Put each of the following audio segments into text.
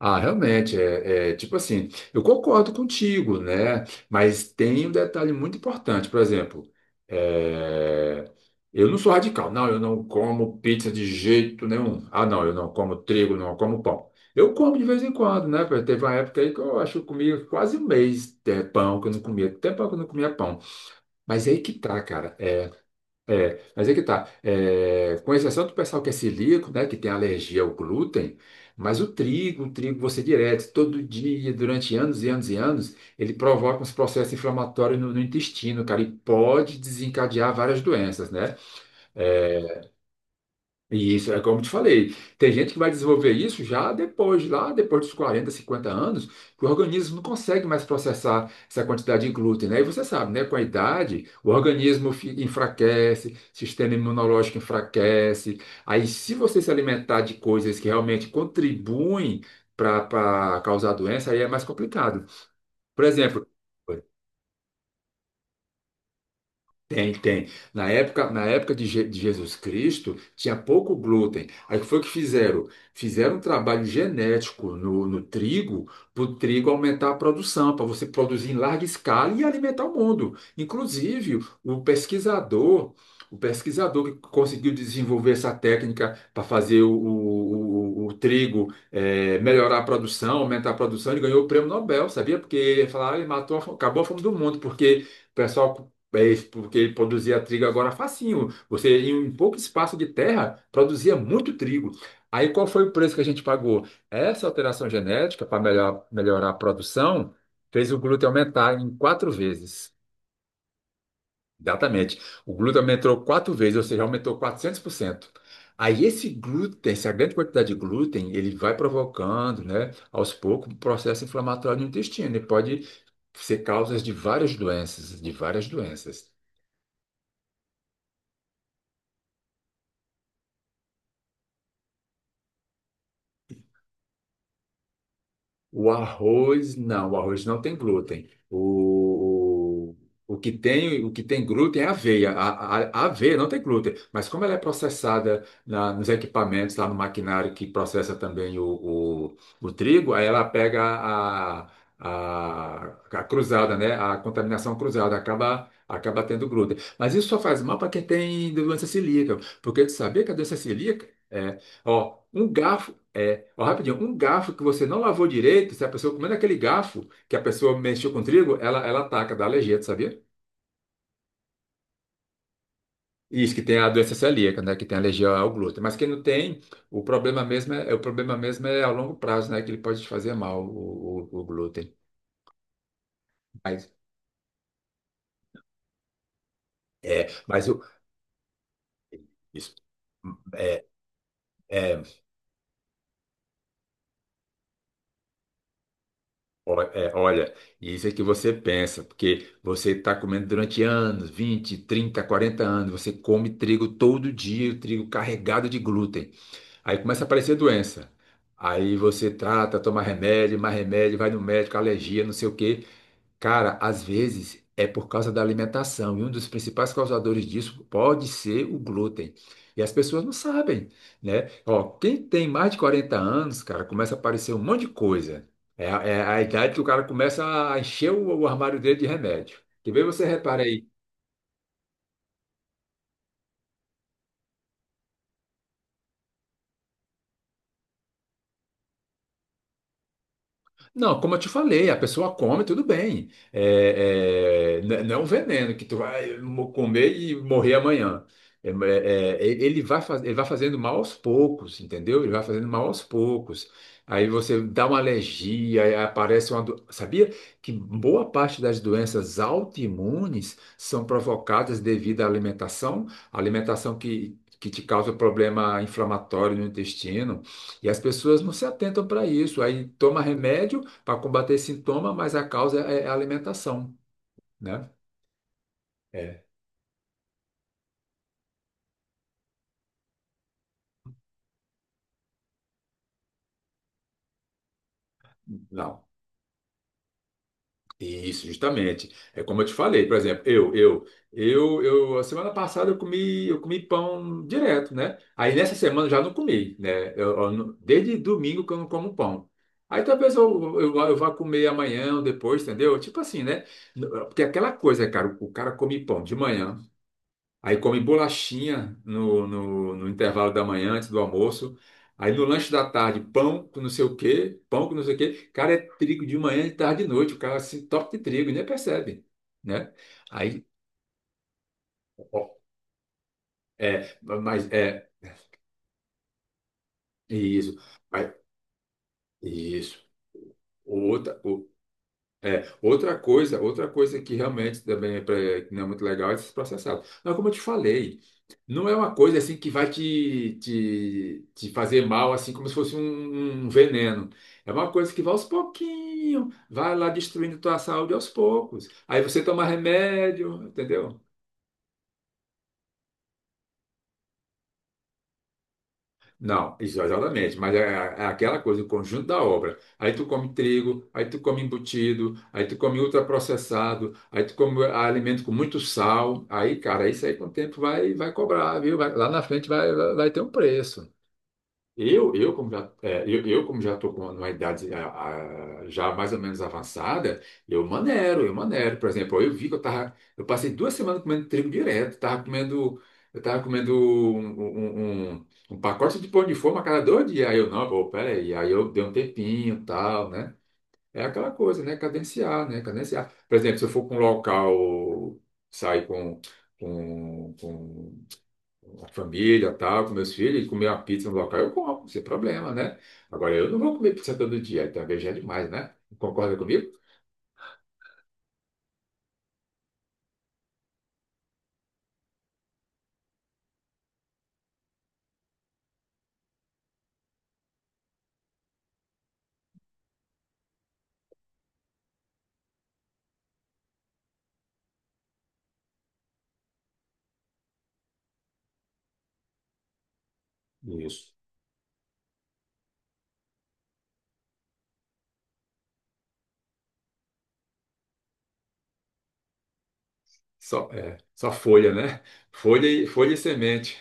Ah, realmente, tipo assim, eu concordo contigo, né? Mas tem um detalhe muito importante, por exemplo, é, eu não sou radical, não, eu não como pizza de jeito nenhum. Ah, não, eu não como trigo, não como pão. Eu como de vez em quando, né? Teve uma época aí que eu acho que eu comia quase um mês de pão, que eu não comia, até pão que eu não comia pão. Mas é aí que tá, cara. É, mas é que tá. É, com exceção do pessoal que é celíaco, né, que tem alergia ao glúten, mas o trigo você direto, todo dia, durante anos e anos e anos, ele provoca uns processos inflamatórios no intestino, cara, e pode desencadear várias doenças, né? É, e isso é como eu te falei. Tem gente que vai desenvolver isso já depois, lá depois dos 40 50 anos, que o organismo não consegue mais processar essa quantidade de glúten, né? E você sabe, né? Com a idade, o organismo enfraquece, o sistema imunológico enfraquece. Aí, se você se alimentar de coisas que realmente contribuem para causar doença, aí é mais complicado. Por exemplo. Tem, tem. Na época, de Jesus Cristo, tinha pouco glúten. Aí foi o que fizeram? Fizeram um trabalho genético no trigo, para o trigo aumentar a produção, para você produzir em larga escala e alimentar o mundo. Inclusive, o pesquisador que conseguiu desenvolver essa técnica para fazer o trigo melhorar a produção, aumentar a produção, ele ganhou o prêmio Nobel, sabia? Porque ele ia falar, ele matou, acabou a fome do mundo, porque o pessoal é isso, porque ele produzia trigo agora facinho. Você, em um pouco espaço de terra, produzia muito trigo. Aí qual foi o preço que a gente pagou? Essa alteração genética, para melhorar a produção, fez o glúten aumentar em quatro vezes. Exatamente. O glúten aumentou quatro vezes, ou seja, aumentou 400%. Aí esse glúten, essa grande quantidade de glúten, ele vai provocando, né, aos poucos, um processo inflamatório no intestino e pode ser causas de várias doenças, de várias doenças. O arroz não tem glúten. O que tem glúten é a aveia. A aveia não tem glúten, mas como ela é processada nos equipamentos, lá no maquinário que processa também o trigo, aí ela pega a, a cruzada, né? A contaminação cruzada, acaba tendo glúten. Mas isso só faz mal para quem tem doença celíaca, porque tu sabia que a doença celíaca é, ó, um garfo ó, rapidinho, um garfo que você não lavou direito, se a pessoa comendo aquele garfo que a pessoa mexeu com trigo, ela ataca, dá alergia, tu sabia? Isso, que tem a doença celíaca, né? Que tem alergia ao glúten. Mas quem não tem, o problema mesmo é a longo prazo, né? Que ele pode te fazer mal, o glúten. Mas, mas, isso, é, é, olha, isso é que você pensa, porque você está comendo durante anos, 20, 30, 40 anos, você come trigo todo dia, o trigo carregado de glúten. Aí começa a aparecer doença. Aí você trata, toma remédio, mais remédio, vai no médico, alergia, não sei o quê. Cara, às vezes é por causa da alimentação. E um dos principais causadores disso pode ser o glúten. E as pessoas não sabem, né? Ó, quem tem mais de 40 anos, cara, começa a aparecer um monte de coisa. É, a é a idade que o cara começa a encher o armário dele de remédio. Que bem você repara. Não, como eu te falei, a pessoa come, tudo bem. Não é um veneno que tu vai comer e morrer amanhã. Ele vai fazendo mal aos poucos, entendeu? Ele vai fazendo mal aos poucos. Aí você dá uma alergia. Aí aparece uma. Do- Sabia que boa parte das doenças autoimunes são provocadas devido à alimentação? A alimentação que te causa problema inflamatório no intestino. E as pessoas não se atentam para isso. Aí toma remédio para combater esse sintoma, mas a causa é a alimentação, né? É. Não. Isso, justamente. É como eu te falei, por exemplo, a semana passada eu comi, pão direto, né? Aí nessa semana eu já não comi, né? Eu não- Desde domingo que eu não como pão. Aí talvez eu vá comer amanhã ou depois, entendeu? Tipo assim, né? Porque aquela coisa, cara, o cara come pão de manhã. Aí come bolachinha no intervalo da manhã, antes do almoço. Aí no lanche da tarde, pão com não sei o quê, pão com não sei o quê. Cara, é trigo de manhã, de tarde e de noite. O cara se top de trigo, e nem percebe, né? Aí, ó, mas é isso. Aí, isso. Outra, outra coisa que realmente também é que não é muito legal é esses processados. Mas como eu te falei, não é uma coisa assim que vai te fazer mal, assim como se fosse um veneno. É uma coisa que vai aos pouquinhos, vai lá destruindo tua saúde aos poucos. Aí você toma remédio, entendeu? Não, isso, exatamente, mas é aquela coisa, o conjunto da obra. Aí tu come trigo, aí tu come embutido, aí tu come ultraprocessado, aí tu come alimento com muito sal. Aí, cara, isso aí com o tempo vai cobrar, viu? Lá na frente vai ter um preço. Eu como já estou com uma idade já mais ou menos avançada, eu manero, eu manero. Por exemplo, eu vi que eu passei 2 semanas comendo trigo direto, tava comendo um pacote de pão de forma a cada 2 dias. Aí eu, não, pô, peraí, aí eu dei um tempinho, e tal, né? É aquela coisa, né? Cadenciar, né? Cadenciar. Por exemplo, se eu for para um local, sair com família, tal, com meus filhos, comer uma pizza no local, eu como, sem problema, né? Agora, eu não vou comer pizza todo dia, então veja é demais, né? Concorda comigo? Isso. Só folha, né? Folha e semente.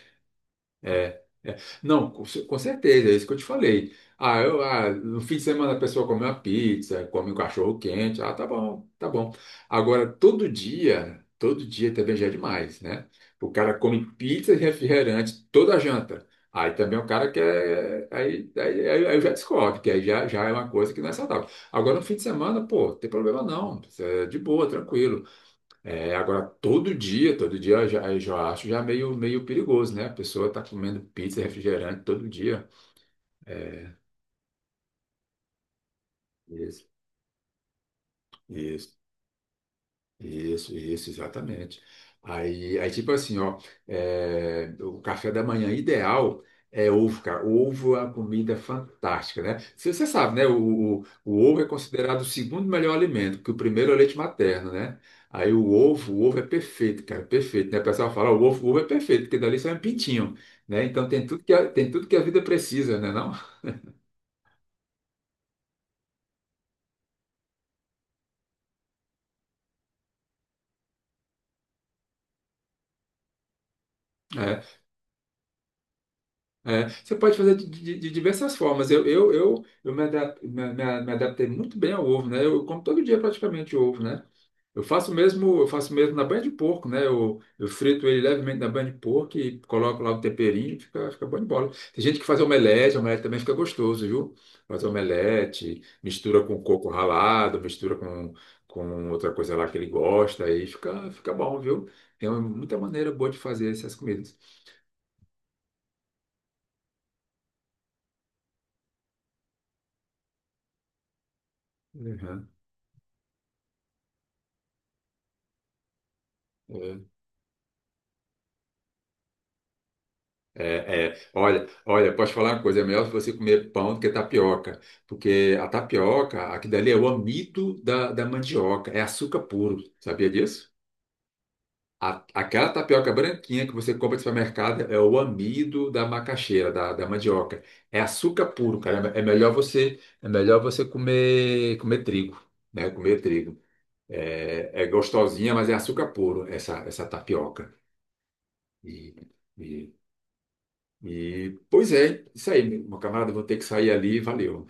É, não, com certeza, é isso que eu te falei. Ah, no fim de semana a pessoa come uma pizza, come um cachorro quente, ah, tá bom, tá bom. Agora, todo dia também já é demais, né? O cara come pizza e refrigerante toda a janta. Aí também o cara quer. Aí já descobre, que aí já é uma coisa que não é saudável. Agora, no fim de semana, pô, não tem problema não, isso é de boa, tranquilo. É, agora todo dia eu já acho já meio perigoso, né? A pessoa tá comendo pizza, refrigerante todo dia. É. Isso. Isso. Isso, exatamente. Aí tipo assim, ó, o café da manhã ideal é ovo, cara. Ovo é uma comida fantástica, né? Você sabe, né? O ovo é considerado o segundo melhor alimento, porque o primeiro é o leite materno, né? Aí o ovo, o ovo, é perfeito, cara, perfeito, né? O pessoal fala, "Ó, o ovo é perfeito, porque dali sai um pintinho, né? Então tem tudo que a, tem tudo que a vida precisa, né, não? É. É, você pode fazer de diversas formas. Eu me adaptei muito bem ao ovo, né? Eu como todo dia praticamente ovo, né? Eu faço mesmo na banha de porco, né? Eu frito ele levemente na banha de porco e coloco lá o temperinho, fica bom de bola. Tem gente que faz omelete, omelete também fica gostoso, viu? Faz omelete, mistura com coco ralado, mistura com outra coisa lá que ele gosta, aí fica bom, viu? Tem muita maneira boa de fazer essas comidas. Uhum. É, é. Olha, olha, posso falar uma coisa, é melhor você comer pão do que tapioca, porque a tapioca, aqui dali é o amido da mandioca, é açúcar puro, sabia disso? Aquela tapioca branquinha que você compra no supermercado é o amido da macaxeira, da mandioca, é açúcar puro, cara, é melhor você comer trigo, né, comer trigo. É, é gostosinha, mas é açúcar puro essa, tapioca. E, e- E, pois é, isso aí, meu camarada, vou ter que sair ali, valeu.